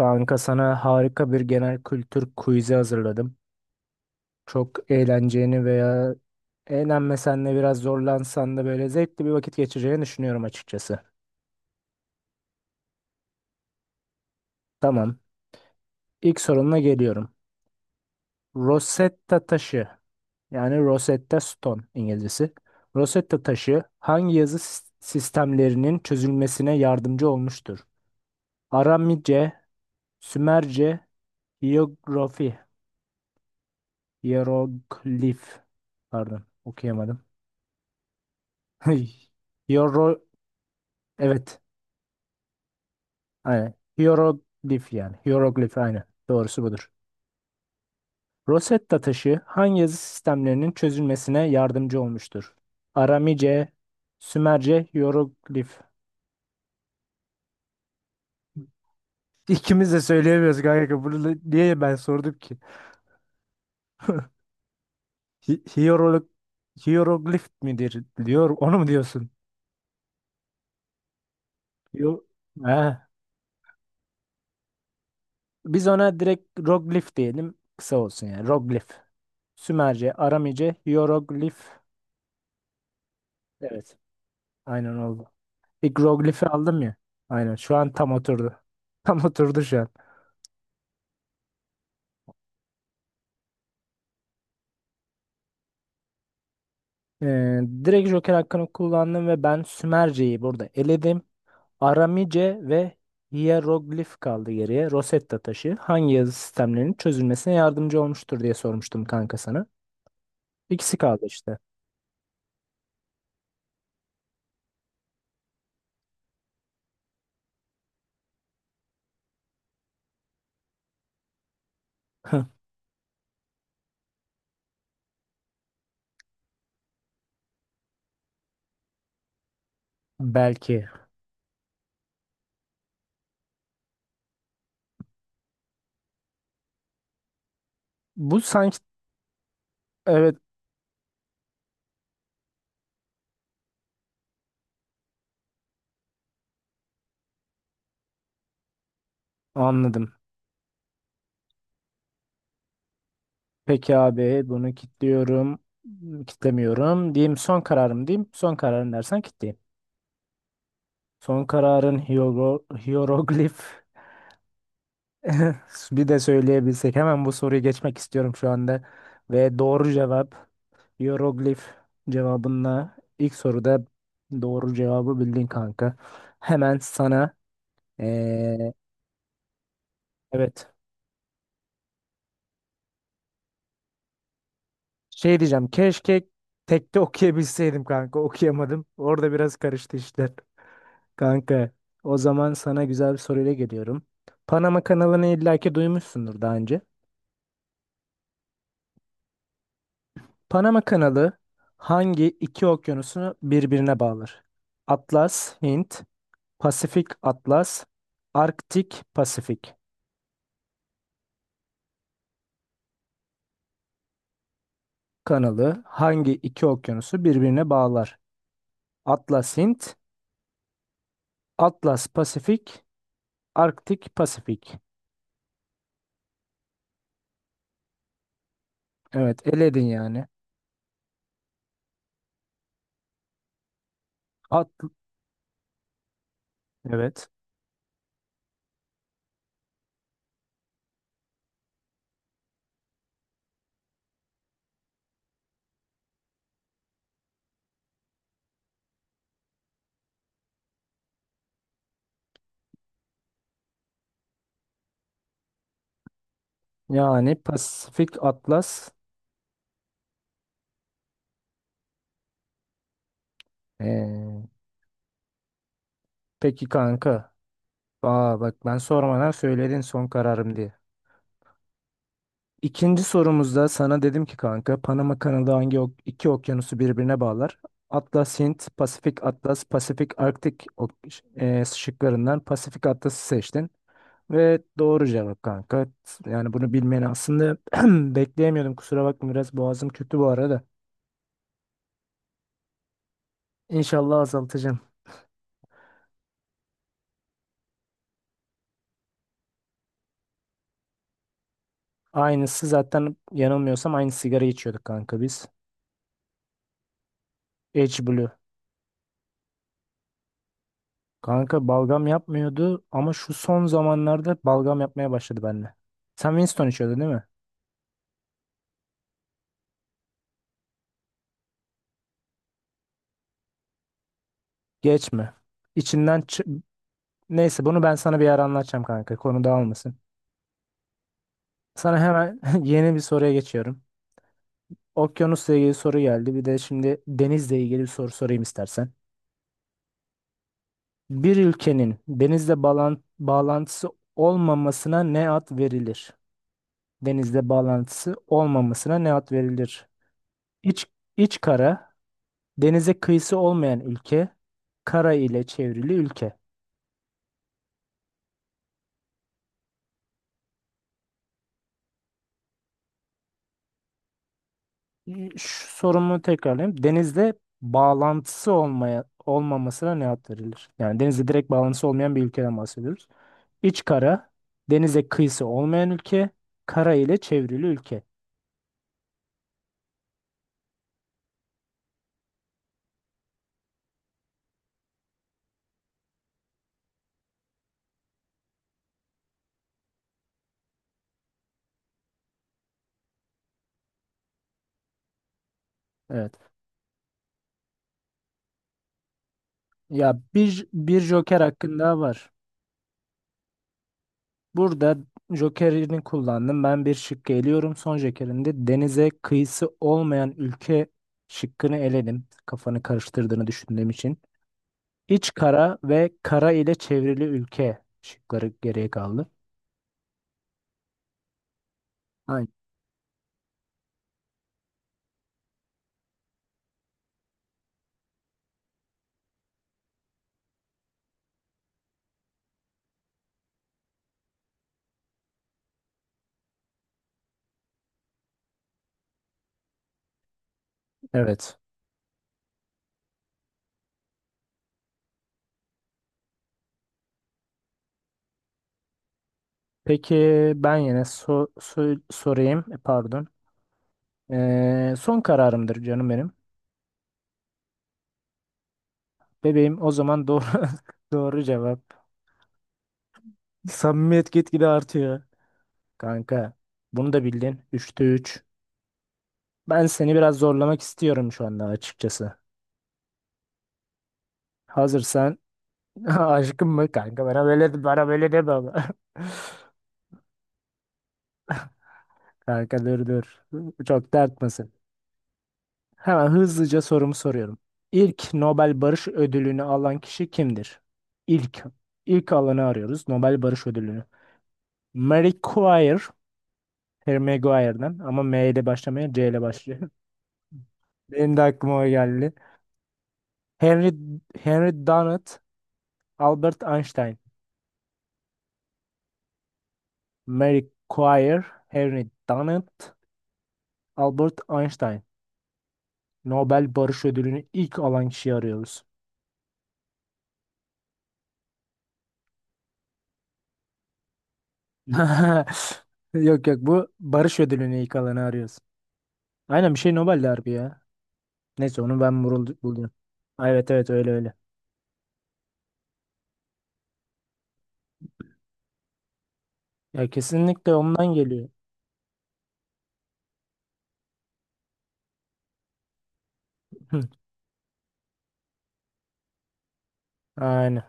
Kanka, sana harika bir genel kültür quiz'i hazırladım. Çok eğleneceğini veya eğlenmesen de biraz zorlansan da böyle zevkli bir vakit geçireceğini düşünüyorum açıkçası. Tamam. İlk sorunla geliyorum. Rosetta taşı, yani Rosetta Stone İngilizcesi. Rosetta taşı hangi yazı sistemlerinin çözülmesine yardımcı olmuştur? Aramice, Sümerce, Hiyerografi, Hieroglif. Pardon, okuyamadım. Hiero- Evet. Aynen. Hieroglif yani. Hieroglif aynen. Doğrusu budur. Rosetta taşı hangi yazı sistemlerinin çözülmesine yardımcı olmuştur? Aramice, Sümerce, Hieroglif. İkimiz de söyleyemiyoruz kanka. Niye ben sordum ki? Hi hierolog- Hieroglif midir diyor. Onu mu diyorsun? Yo. Ha. Biz ona direkt roglif diyelim. Kısa olsun yani. Roglif. Sümerce, Aramice, Hieroglif. Evet. Aynen oldu. Bir Groglif'i aldım ya. Aynen şu an tam oturdu. Tam oturdu şu an. Direkt Joker hakkını kullandım ve ben Sümerce'yi burada eledim. Aramice ve Hieroglif kaldı geriye. Rosetta taşı hangi yazı sistemlerinin çözülmesine yardımcı olmuştur diye sormuştum kanka sana. İkisi kaldı işte. Belki. Bu sanki evet, anladım. Peki abi, bunu kilitliyorum. Kitlemiyorum. Diyeyim son kararım diyeyim. Son kararım dersen kilitleyeyim. Son kararın hieroglif. Bir de söyleyebilsek. Hemen bu soruyu geçmek istiyorum şu anda. Ve doğru cevap hieroglif cevabınla ilk soruda doğru cevabı bildin kanka. Hemen sana eee, evet, şey diyeceğim. Keşke tekte okuyabilseydim kanka. Okuyamadım. Orada biraz karıştı işler. Kanka, o zaman sana güzel bir soruyla geliyorum. Panama kanalını illaki duymuşsundur daha önce. Panama Kanalı hangi iki okyanusunu birbirine bağlar? Atlas, Hint, Pasifik Atlas, Arktik Pasifik kanalı hangi iki okyanusu birbirine bağlar? Atlas Hint, Atlas Pasifik, Arktik Pasifik. Evet, eledin yani. At evet. Yani Pasifik Atlas. Ee, peki kanka. Aa bak, ben sormadan söyledin son kararım diye. İkinci sorumuzda sana dedim ki kanka, Panama kanalı hangi iki okyanusu birbirine bağlar? Atlas Hint, Pasifik Atlas, Pasifik Arktik ok, şıklarından Pasifik Atlas'ı seçtin. Ve doğru cevap kanka. Yani bunu bilmeni aslında bekleyemiyordum. Kusura bakma, biraz boğazım kötü bu arada. İnşallah azaltacağım. Aynısı zaten, yanılmıyorsam aynı sigara içiyorduk kanka biz. H Blue. Kanka, balgam yapmıyordu ama şu son zamanlarda balgam yapmaya başladı benimle. Sen Winston içiyordun değil mi? Geçme. İçinden çı- Neyse, bunu ben sana bir ara anlatacağım kanka. Konu dağılmasın. Sana hemen yeni bir soruya geçiyorum. Okyanusla ilgili soru geldi. Bir de şimdi denizle ilgili bir soru sorayım istersen. Bir ülkenin denizle bağlantısı olmamasına ne ad verilir? Denizle bağlantısı olmamasına ne ad verilir? İç, iç kara, denize kıyısı olmayan ülke, kara ile çevrili ülke. Şu sorumu tekrarlayayım. Denizde bağlantısı olmaya olmamasına ne ad verilir? Yani denizde direkt bağlantısı olmayan bir ülkeden bahsediyoruz. İç kara, denize kıyısı olmayan ülke, kara ile çevrili ülke. Evet. Ya, bir joker hakkın daha var. Burada jokerini kullandım. Ben bir şık eliyorum. Son jokerinde denize kıyısı olmayan ülke şıkkını eledim. Kafanı karıştırdığını düşündüğüm için. İç kara ve kara ile çevrili ülke şıkları geriye kaldı. Aynen. Evet. Peki ben yine sorayım. Pardon. Son kararımdır canım benim. Bebeğim, o zaman doğru doğru cevap. Samimiyet gitgide artıyor. Kanka, bunu da bildin. Üçte 3. Ben seni biraz zorlamak istiyorum şu anda açıkçası. Hazırsan aşkım mı kanka, bana böyle bana böyle deme ama. Kanka dur. Çok dertmesin. Hemen hızlıca sorumu soruyorum. İlk Nobel Barış Ödülünü alan kişi kimdir? İlk. İlk alanı arıyoruz. Nobel Barış Ödülünü. Marie Curie. Harry Maguire'dan ama M ile başlamıyor, C ile başlıyor. Benim de aklıma o geldi. Henry, Henry Dunant, Albert Einstein. Marie Curie, Henry Dunant, Albert Einstein. Nobel Barış Ödülünü ilk alan kişiyi arıyoruz. Yok, bu Barış Ödülünü ilk alanı arıyoruz. Aynen, bir şey Nobel Derbi ya. Neyse, onu ben bulayım. Ay, evet, öyle öyle. Ya kesinlikle ondan geliyor. Hı, Aynen.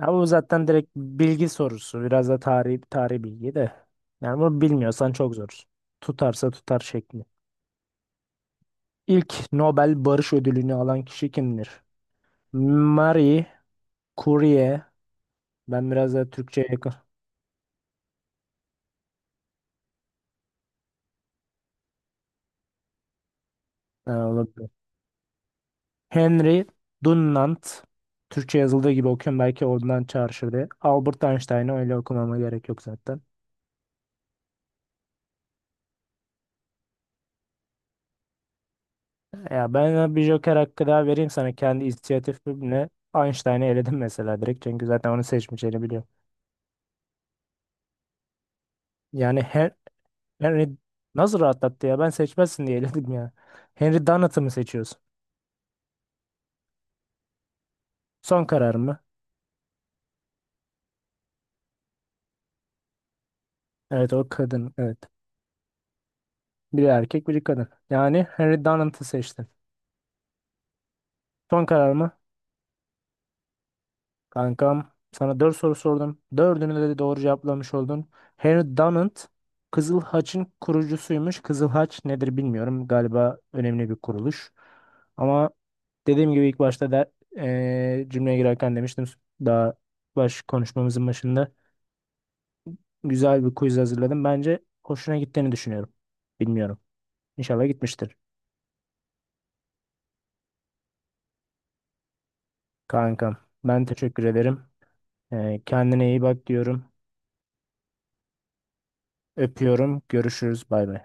Ya bu zaten direkt bilgi sorusu. Biraz da tarih, tarih bilgi de. Yani bunu bilmiyorsan çok zor. Tutarsa tutar şekli. İlk Nobel Barış Ödülünü alan kişi kimdir? Marie Curie. Ben biraz da Türkçe'ye yakın. Ha, olabilir. Henry Dunant. Türkçe yazıldığı gibi okuyorum. Belki ondan çağrışır diye. Albert Einstein'ı öyle okumama gerek yok zaten. Ya ben bir Joker hakkı daha vereyim sana, kendi inisiyatifimle Einstein'ı eledim mesela direkt, çünkü zaten onu seçmeyeceğini biliyorum. Yani Hen- Henry nasıl rahatlattı ya, ben seçmezsin diye eledim ya. Henry Donat'ı mı seçiyorsun? Son karar mı? Evet, o kadın, evet. Biri erkek biri kadın. Yani Henry Donat'ı seçtin. Son karar mı? Kankam, sana 4 soru sordum. Dördünü de doğru cevaplamış oldun. Henry Dunant Kızıl Haç'ın kurucusuymuş. Kızıl Haç nedir bilmiyorum. Galiba önemli bir kuruluş. Ama dediğim gibi ilk başta da cümleye girerken demiştim. Daha baş konuşmamızın başında güzel bir quiz hazırladım. Bence hoşuna gittiğini düşünüyorum. Bilmiyorum. İnşallah gitmiştir. Kankam, ben teşekkür ederim. Kendine iyi bak diyorum. Öpüyorum. Görüşürüz. Bay bay.